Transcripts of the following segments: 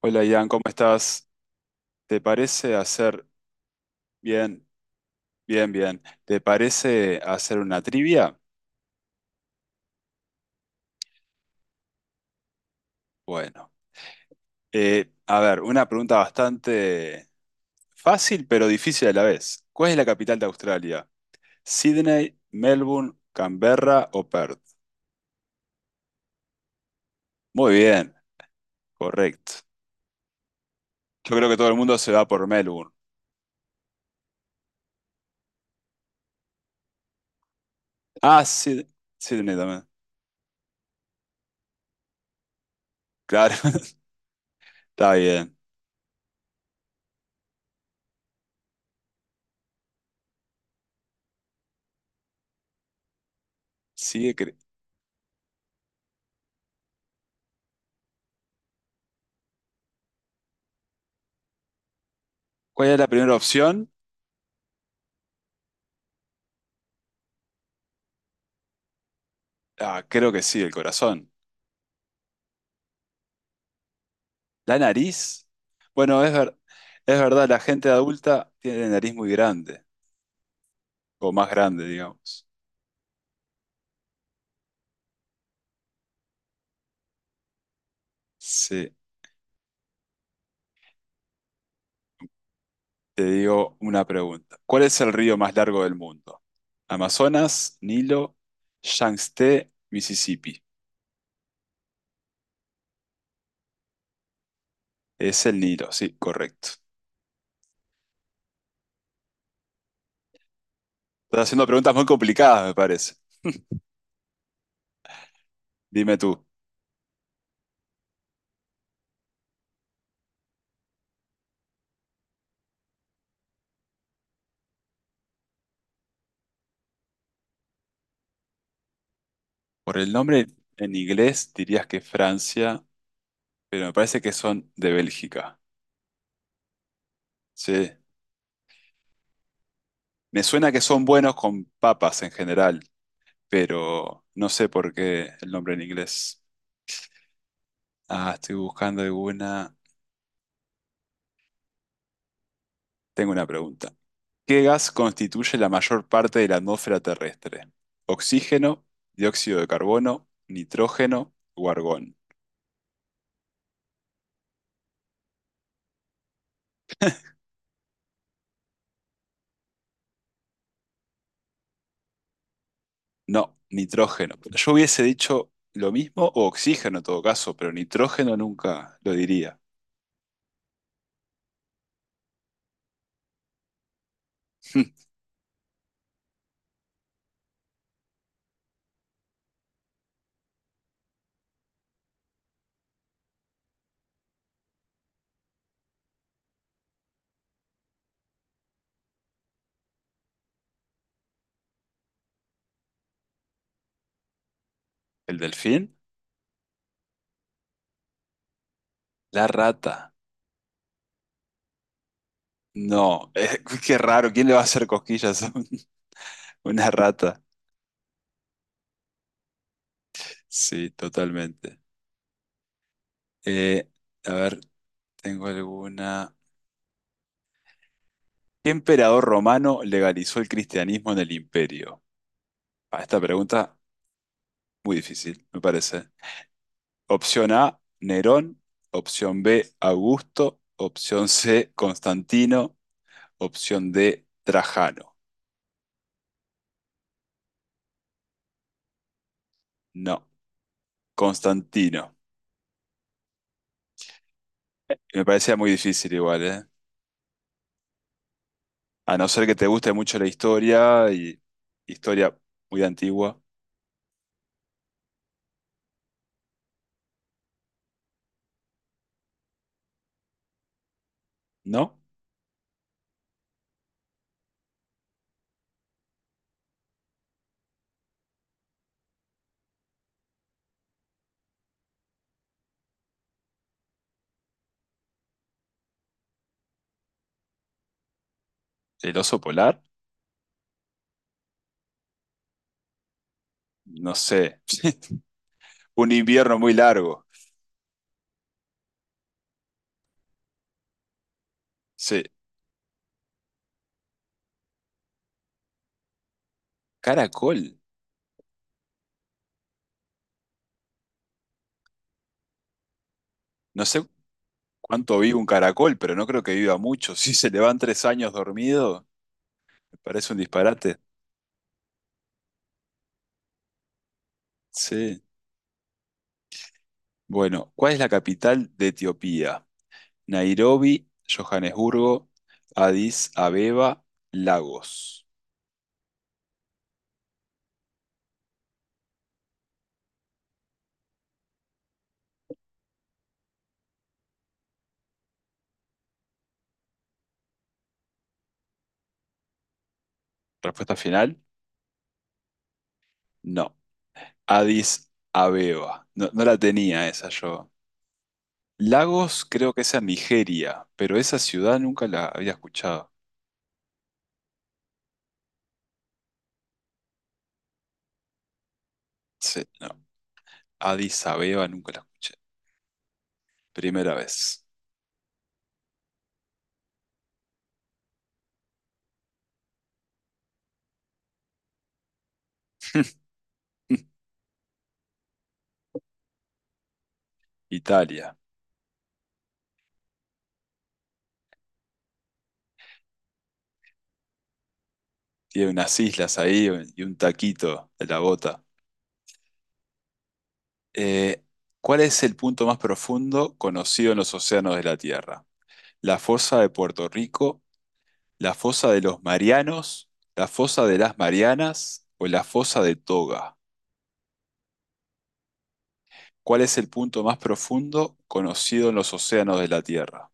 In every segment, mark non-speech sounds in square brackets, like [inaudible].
Hola Ian, ¿cómo estás? ¿Te parece hacer Bien, bien, bien. ¿Te parece hacer una trivia? Bueno, a ver, una pregunta bastante fácil pero difícil a la vez. ¿Cuál es la capital de Australia? ¿Sydney, Melbourne, Canberra o Perth? Muy bien, correcto. Yo creo que todo el mundo se va por Melbourne. Ah, sí, Sydney también. Claro, [laughs] está bien. Sigue cre-. ¿Cuál es la primera opción? Ah, creo que sí, el corazón. ¿La nariz? Bueno, es verdad, la gente adulta tiene la nariz muy grande, o más grande, digamos. Sí, te digo una pregunta. ¿Cuál es el río más largo del mundo? Amazonas, Nilo, Yangtze, Mississippi. Es el Nilo, sí, correcto. Estás haciendo preguntas muy complicadas, me parece. Dime tú, por el nombre en inglés dirías que Francia, pero me parece que son de Bélgica. Sí, me suena que son buenos con papas en general, pero no sé por qué el nombre en inglés. Ah, estoy buscando alguna. Tengo una pregunta. ¿Qué gas constituye la mayor parte de la atmósfera terrestre? ¿Oxígeno, dióxido de carbono, nitrógeno o argón? No, nitrógeno. Yo hubiese dicho lo mismo o oxígeno en todo caso, pero nitrógeno nunca lo diría. [laughs] ¿El delfín? La rata. No, [laughs] qué raro. ¿Quién le va a hacer cosquillas a un- [laughs] una rata? Sí, totalmente. Eh, a ver, tengo alguna. ¿Qué emperador romano legalizó el cristianismo en el imperio? Ah, esta pregunta muy difícil, me parece. Opción A, Nerón. Opción B, Augusto. Opción C, Constantino. Opción D, Trajano. No, Constantino. Me parecía muy difícil igual, ¿eh? A no ser que te guste mucho la historia y historia muy antigua, ¿no? El oso polar, no sé. Un invierno muy largo. Sí. Caracol. No sé cuánto vive un caracol, pero no creo que viva mucho. [laughs] Si se le van 3 años dormido, me parece un disparate. Sí. Bueno, ¿cuál es la capital de Etiopía? Nairobi, Johannesburgo, Addis Abeba, Lagos. Respuesta final, no. Addis Abeba. No, no la tenía esa yo. Lagos creo que es en Nigeria, pero esa ciudad nunca la había escuchado. Sí, no. Addis Abeba nunca la escuché. Primera vez. [laughs] Italia. Tiene unas islas ahí y un taquito de la bota. Eh, ¿Cuál es el punto más profundo conocido en los océanos de la Tierra? ¿La fosa de Puerto Rico, la fosa de los Marianos, la fosa de las Marianas o la fosa de Toga? ¿Cuál es el punto más profundo conocido en los océanos de la Tierra?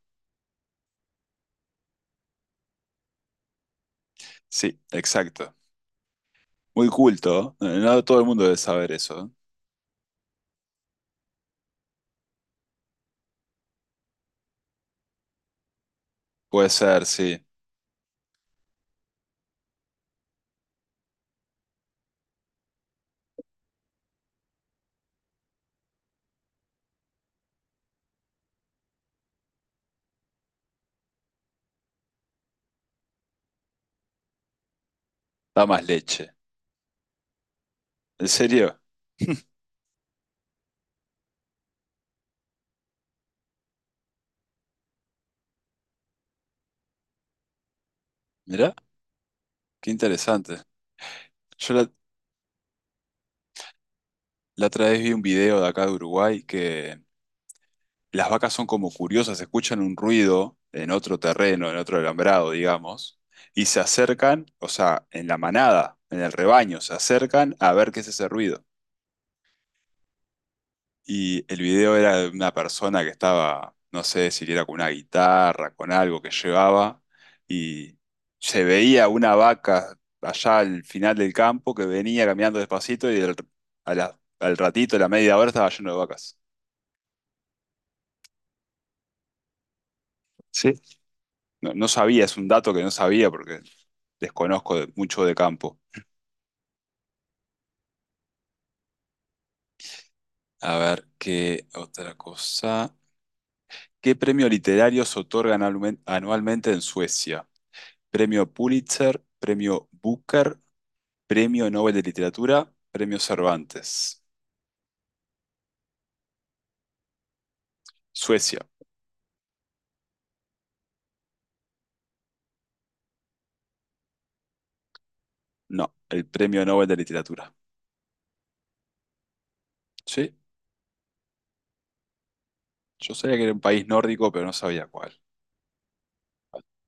Sí, exacto. Muy culto, ¿eh? No todo el mundo debe saber eso, ¿eh? Puede ser, sí. Da más leche. ¿En serio? Mirá, qué interesante. Yo la, La otra vez vi un video de acá de Uruguay que las vacas son como curiosas, escuchan un ruido en otro terreno, en otro alambrado, digamos, y se acercan, o sea, en la manada, en el rebaño, se acercan a ver qué es ese ruido. Y el video era de una persona que estaba, no sé si era con una guitarra, con algo que llevaba, y se veía una vaca allá al final del campo que venía caminando despacito y al ratito, a la media hora, estaba lleno de vacas. No, no sabía, es un dato que no sabía porque desconozco mucho de campo. A ver, ¿qué otra cosa? ¿Qué premio literario se otorgan anualmente en Suecia? ¿Premio Pulitzer? ¿Premio Booker? ¿Premio Nobel de Literatura? ¿Premio Cervantes? Suecia. No, el Premio Nobel de Literatura. Sí, yo sabía que era un país nórdico, pero no sabía cuál.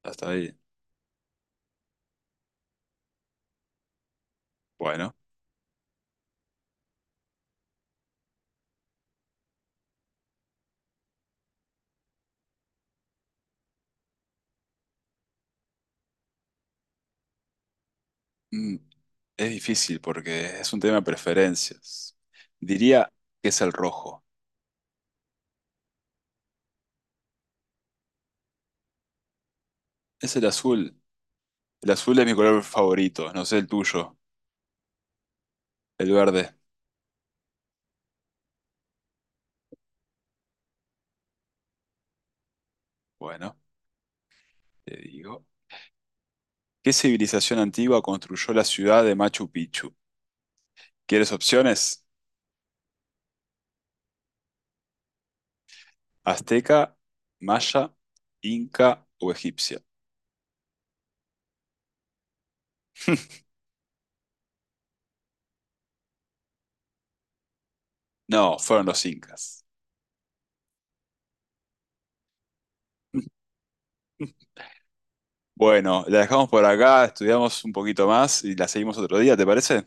Hasta ahí. Bueno. Mm, Es difícil porque es un tema de preferencias. Diría que es el rojo. Es el azul. El azul es mi color favorito, no sé el tuyo. El verde. Bueno, te digo. ¿Qué civilización antigua construyó la ciudad de Machu Picchu? ¿Quieres opciones? ¿Azteca, maya, inca o egipcia? No, fueron los incas. Bueno, la dejamos por acá, estudiamos un poquito más y la seguimos otro día, ¿te parece?